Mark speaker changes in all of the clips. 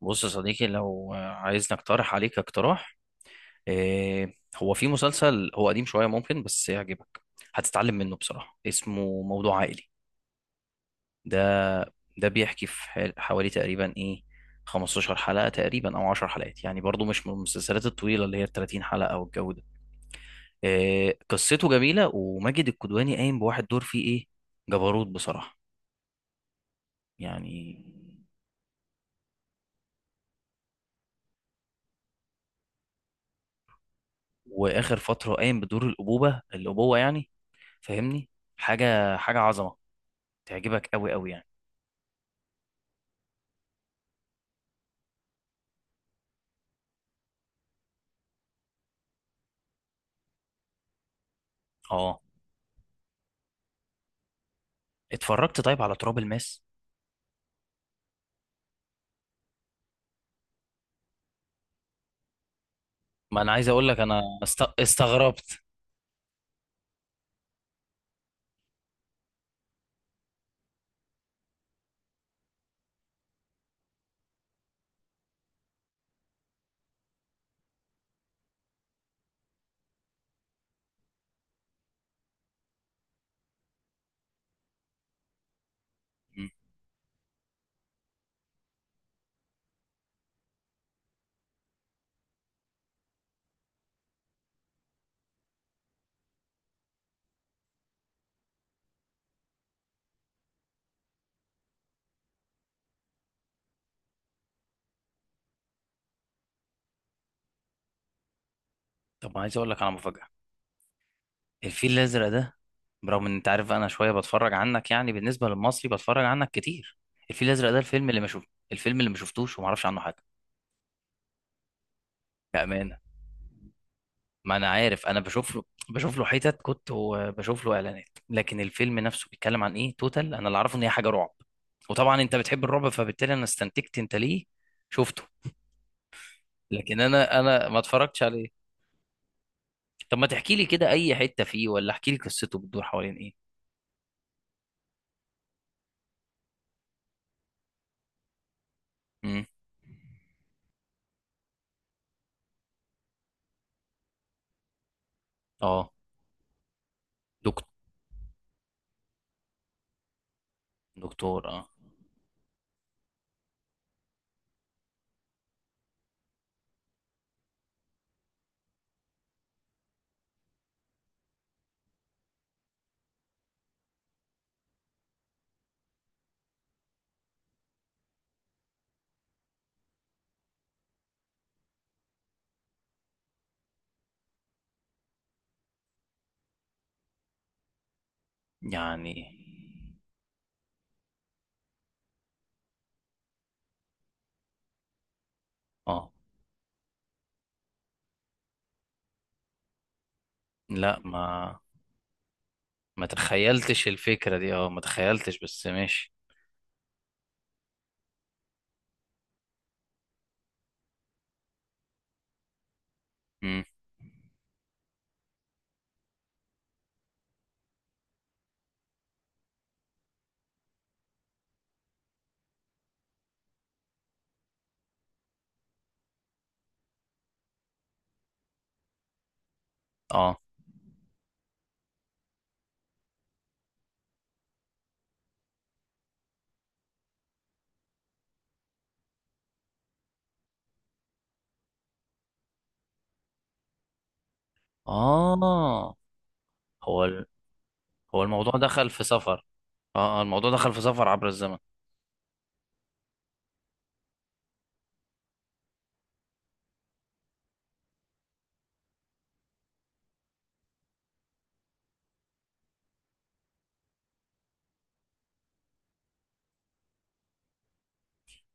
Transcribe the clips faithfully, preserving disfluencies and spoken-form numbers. Speaker 1: بص يا صديقي، لو عايزني اقترح عليك اقتراح. إيه هو، في مسلسل، هو قديم شوية ممكن بس يعجبك. هتتعلم منه بصراحة. اسمه موضوع عائلي. ده ده بيحكي في حال- حوالي تقريبا ايه 15 حلقة تقريبا، او 10 حلقات، يعني برضو مش من المسلسلات الطويلة اللي هي 30 حلقة او الجو ده. إيه قصته جميلة، وماجد الكدواني قايم بواحد دور فيه ايه جبروت بصراحة يعني. واخر فترة قايم بدور الابوبة الابوة يعني، فاهمني، حاجة حاجة عظمة، تعجبك قوي قوي يعني. اه، اتفرجت طيب على تراب الماس؟ ما انا عايز اقول لك، انا است... استغربت. مم. طب عايز اقول لك على مفاجأة. الفيل الازرق ده، برغم ان انت عارف انا شوية بتفرج عنك، يعني بالنسبة للمصري بتفرج عنك كتير، الفيل الازرق ده الفيلم اللي ما شوف الفيلم اللي ما شفتوش وما اعرفش عنه حاجة، بأمانة. ما انا عارف انا بشوف له بشوف له حتت كنت، وبشوف له اعلانات، لكن الفيلم نفسه بيتكلم عن ايه توتال؟ انا اللي اعرفه ان هي حاجة رعب، وطبعا انت بتحب الرعب، فبالتالي انا استنتجت انت ليه شفته. لكن انا انا ما اتفرجتش عليه. طب ما تحكي لي كده اي حتة فيه، ولا احكي لي قصته بتدور حوالين ايه؟ امم اه. دكتور دكتور اه. يعني اه، لا ما ما تخيلتش الفكرة دي، اه ما تخيلتش بس ماشي. امم اه. اه، هو ال... هو الموضوع دخل في سفر؟ اه، آه، الموضوع دخل في سفر عبر الزمن.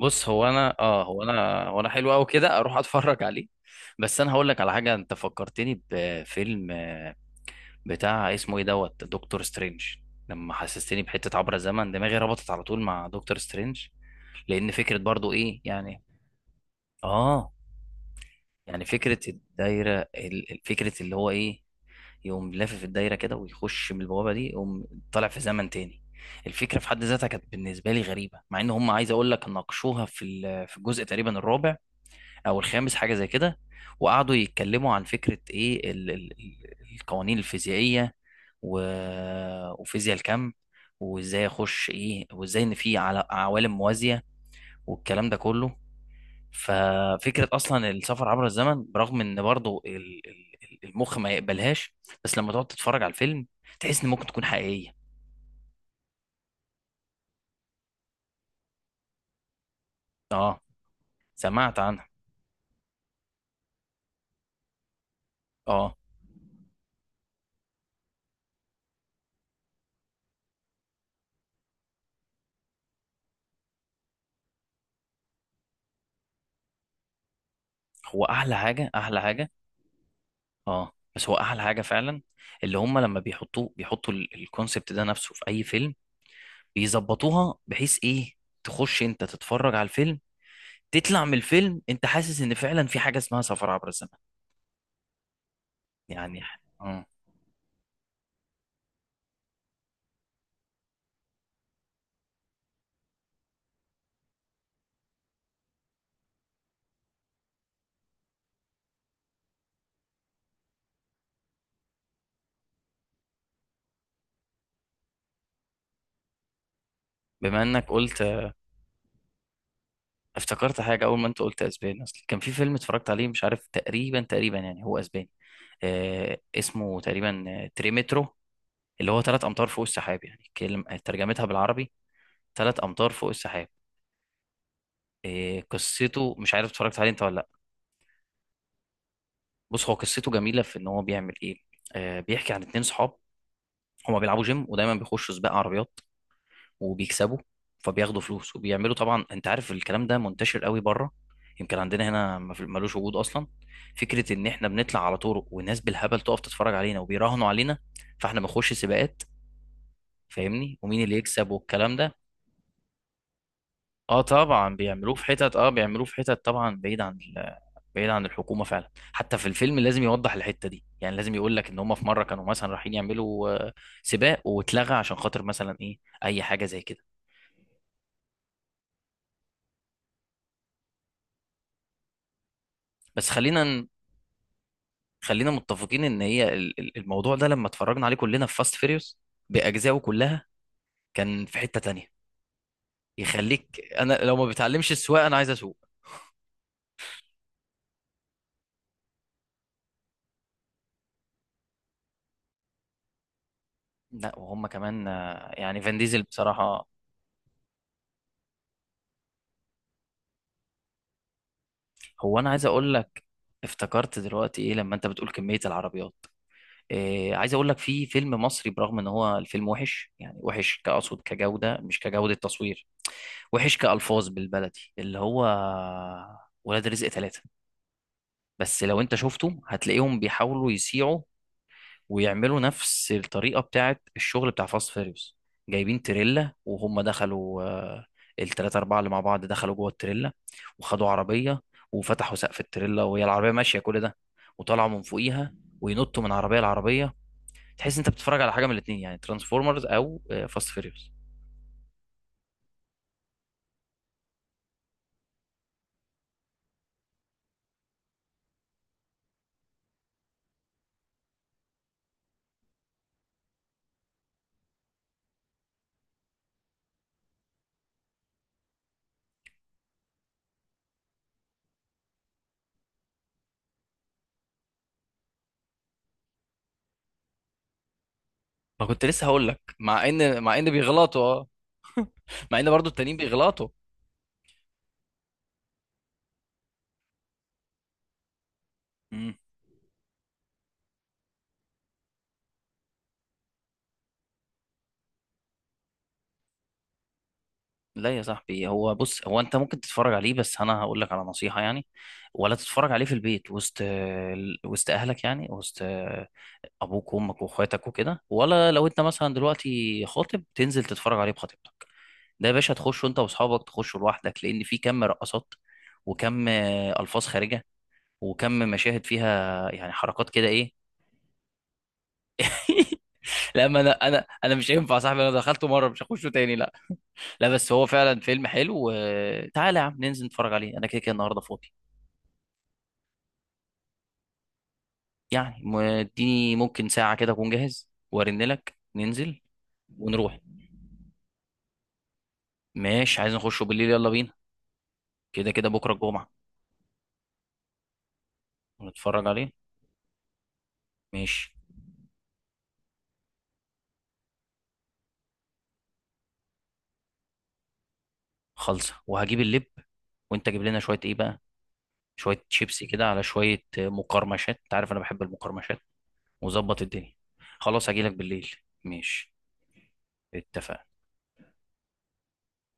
Speaker 1: بص، هو انا اه هو انا هو انا حلو قوي كده اروح اتفرج عليه. بس انا هقول لك على حاجة، انت فكرتني بفيلم، آه، بتاع اسمه ايه دوت دكتور سترينج. لما حسستني بحتة عبر الزمن، دماغي ربطت على طول مع دكتور سترينج، لأن فكرة برضو ايه يعني. اه يعني، فكرة الدايرة ال- ال- فكرة اللي هو ايه، يقوم لافف الدايرة كده ويخش من البوابة دي، يقوم طالع في زمن تاني. الفكرة في حد ذاتها كانت بالنسبة لي غريبة، مع ان هم عايز اقول لك ناقشوها في ال- في الجزء تقريبا الرابع او الخامس، حاجه زي كده. وقعدوا يتكلموا عن فكره ايه ال ال ال- القوانين الفيزيائيه، و... وفيزياء الكم، وازاي اخش ايه، وازاي ان في عل- عوالم موازيه، والكلام ده كله. ففكره اصلا السفر عبر الزمن، برغم ان برضو ال- ال- ال- المخ ما يقبلهاش، بس لما تقعد تتفرج على الفيلم تحس ان ممكن تكون حقيقيه. اه، سمعت عنها. اه، هو احلى حاجه احلى حاجه. اه، بس هو احلى حاجه فعلا، اللي هم لما بيحطوه بيحطوا الكونسبت ده نفسه في اي فيلم، بيظبطوها بحيث ايه، تخش انت تتفرج على الفيلم، تطلع من الفيلم انت حاسس ان فعلا في حاجه اسمها سفر عبر الزمن، يعني اه. بما انك قلت، افتكرت حاجه اول ما انت قلت اسباني. اصل كان في فيلم اتفرجت عليه مش عارف، تقريبا تقريبا يعني هو اسباني، آه اسمه تقريبا، آه، تريمترو، اللي هو ثلاث امتار فوق السحاب، يعني كلمة ترجمتها بالعربي ثلاث امتار فوق السحاب. آه، قصته مش عارف اتفرجت عليه انت ولا. بص هو قصته جميله في ان هو بيعمل ايه. آه بيحكي عن اتنين صحاب، هما بيلعبوا جيم، ودايما بيخشوا سباق عربيات وبيكسبوا، فبياخدوا فلوس وبيعملوا، طبعا انت عارف الكلام ده منتشر قوي بره، يمكن عندنا هنا ما في- ملوش وجود اصلا. فكره ان احنا بنطلع على طرق والناس بالهبل تقف تتفرج علينا، وبيراهنوا علينا، فاحنا بنخش سباقات، فاهمني، ومين اللي يكسب والكلام ده. اه طبعا، بيعملوه في حتت اه بيعملوه في حتت طبعا بعيد عن، بعيد عن الحكومه فعلا، حتى في الفيلم لازم يوضح الحته دي يعني، لازم يقول لك ان هم في مره كانوا مثلا رايحين يعملوا آه، سباق واتلغى عشان خاطر مثلا ايه، اي حاجه زي كده. بس خلينا ن- خلينا متفقين ان هي ال- ال- الموضوع ده لما اتفرجنا عليه كلنا في فاست فيريوس باجزائه كلها، كان في حته تانية يخليك، انا لو ما بتعلمش السواقه انا عايز اسوق. لا، وهم كمان آه، يعني فان ديزل بصراحه. هو انا عايز اقول لك، افتكرت دلوقتي ايه لما انت بتقول كميه العربيات، آه، عايز اقول لك في فيلم مصري، برغم ان هو الفيلم وحش يعني، وحش كأقصد كجودة، مش كجودة تصوير، وحش كألفاظ بالبلدي، اللي هو ولاد رزق ثلاثة. بس لو انت شفته هتلاقيهم بيحاولوا يسيعوا، ويعملوا نفس الطريقة بتاعت الشغل بتاع فاست فيريوس، جايبين تريلا، وهم دخلوا آه، التلاتة أربعة اللي مع بعض دخلوا جوه التريلا، وخدوا عربية، وفتحوا سقف التريلا وهي العربية ماشية كل ده، وطلعوا من فوقيها، وينطوا من عربية لعربية. تحس انت بتتفرج على حاجه من الاثنين، يعني ترانسفورمرز او فاست فيريوس. ما كنت لسه هقول لك، مع ان مع ان بيغلطوا اه. مع ان برضو التانيين بيغلطوا. مم. لا يا صاحبي، هو بص هو انت ممكن تتفرج عليه، بس انا هقول لك على نصيحة يعني. ولا تتفرج عليه في البيت وسط وسط اهلك يعني، وسط آه، ابوك وامك واخواتك وكده. ولا لو انت مثلا دلوقتي خاطب تنزل تتفرج عليه بخطيبتك. ده يا باشا تخش انت واصحابك، تخشوا لوحدك، لان في كم رقصات، وكم آه، الفاظ خارجة، وكم مشاهد فيها يعني حركات كده ايه. لا ما انا انا انا مش هينفع يا صاحبي، انا دخلته مره مش هخشه تاني لا. لا بس هو فعلا فيلم حلو، آه، تعالى يا عم ننزل نتفرج عليه، انا كده كده النهارده فاضي. يعني م- اديني ممكن ساعه كده اكون جاهز وارن لك، ننزل ونروح. ماشي، عايز نخشه بالليل يلا بينا، كده كده بكره الجمعه. نتفرج عليه، ماشي. خلصه، وهجيب اللب، وانت جيب لنا شويه ايه بقى، شويه شيبسي كده على شويه آه، مقرمشات، انت عارف انا بحب المقرمشات. وظبط الدنيا. خلاص هجيلك بالليل. ماشي. اتفقنا.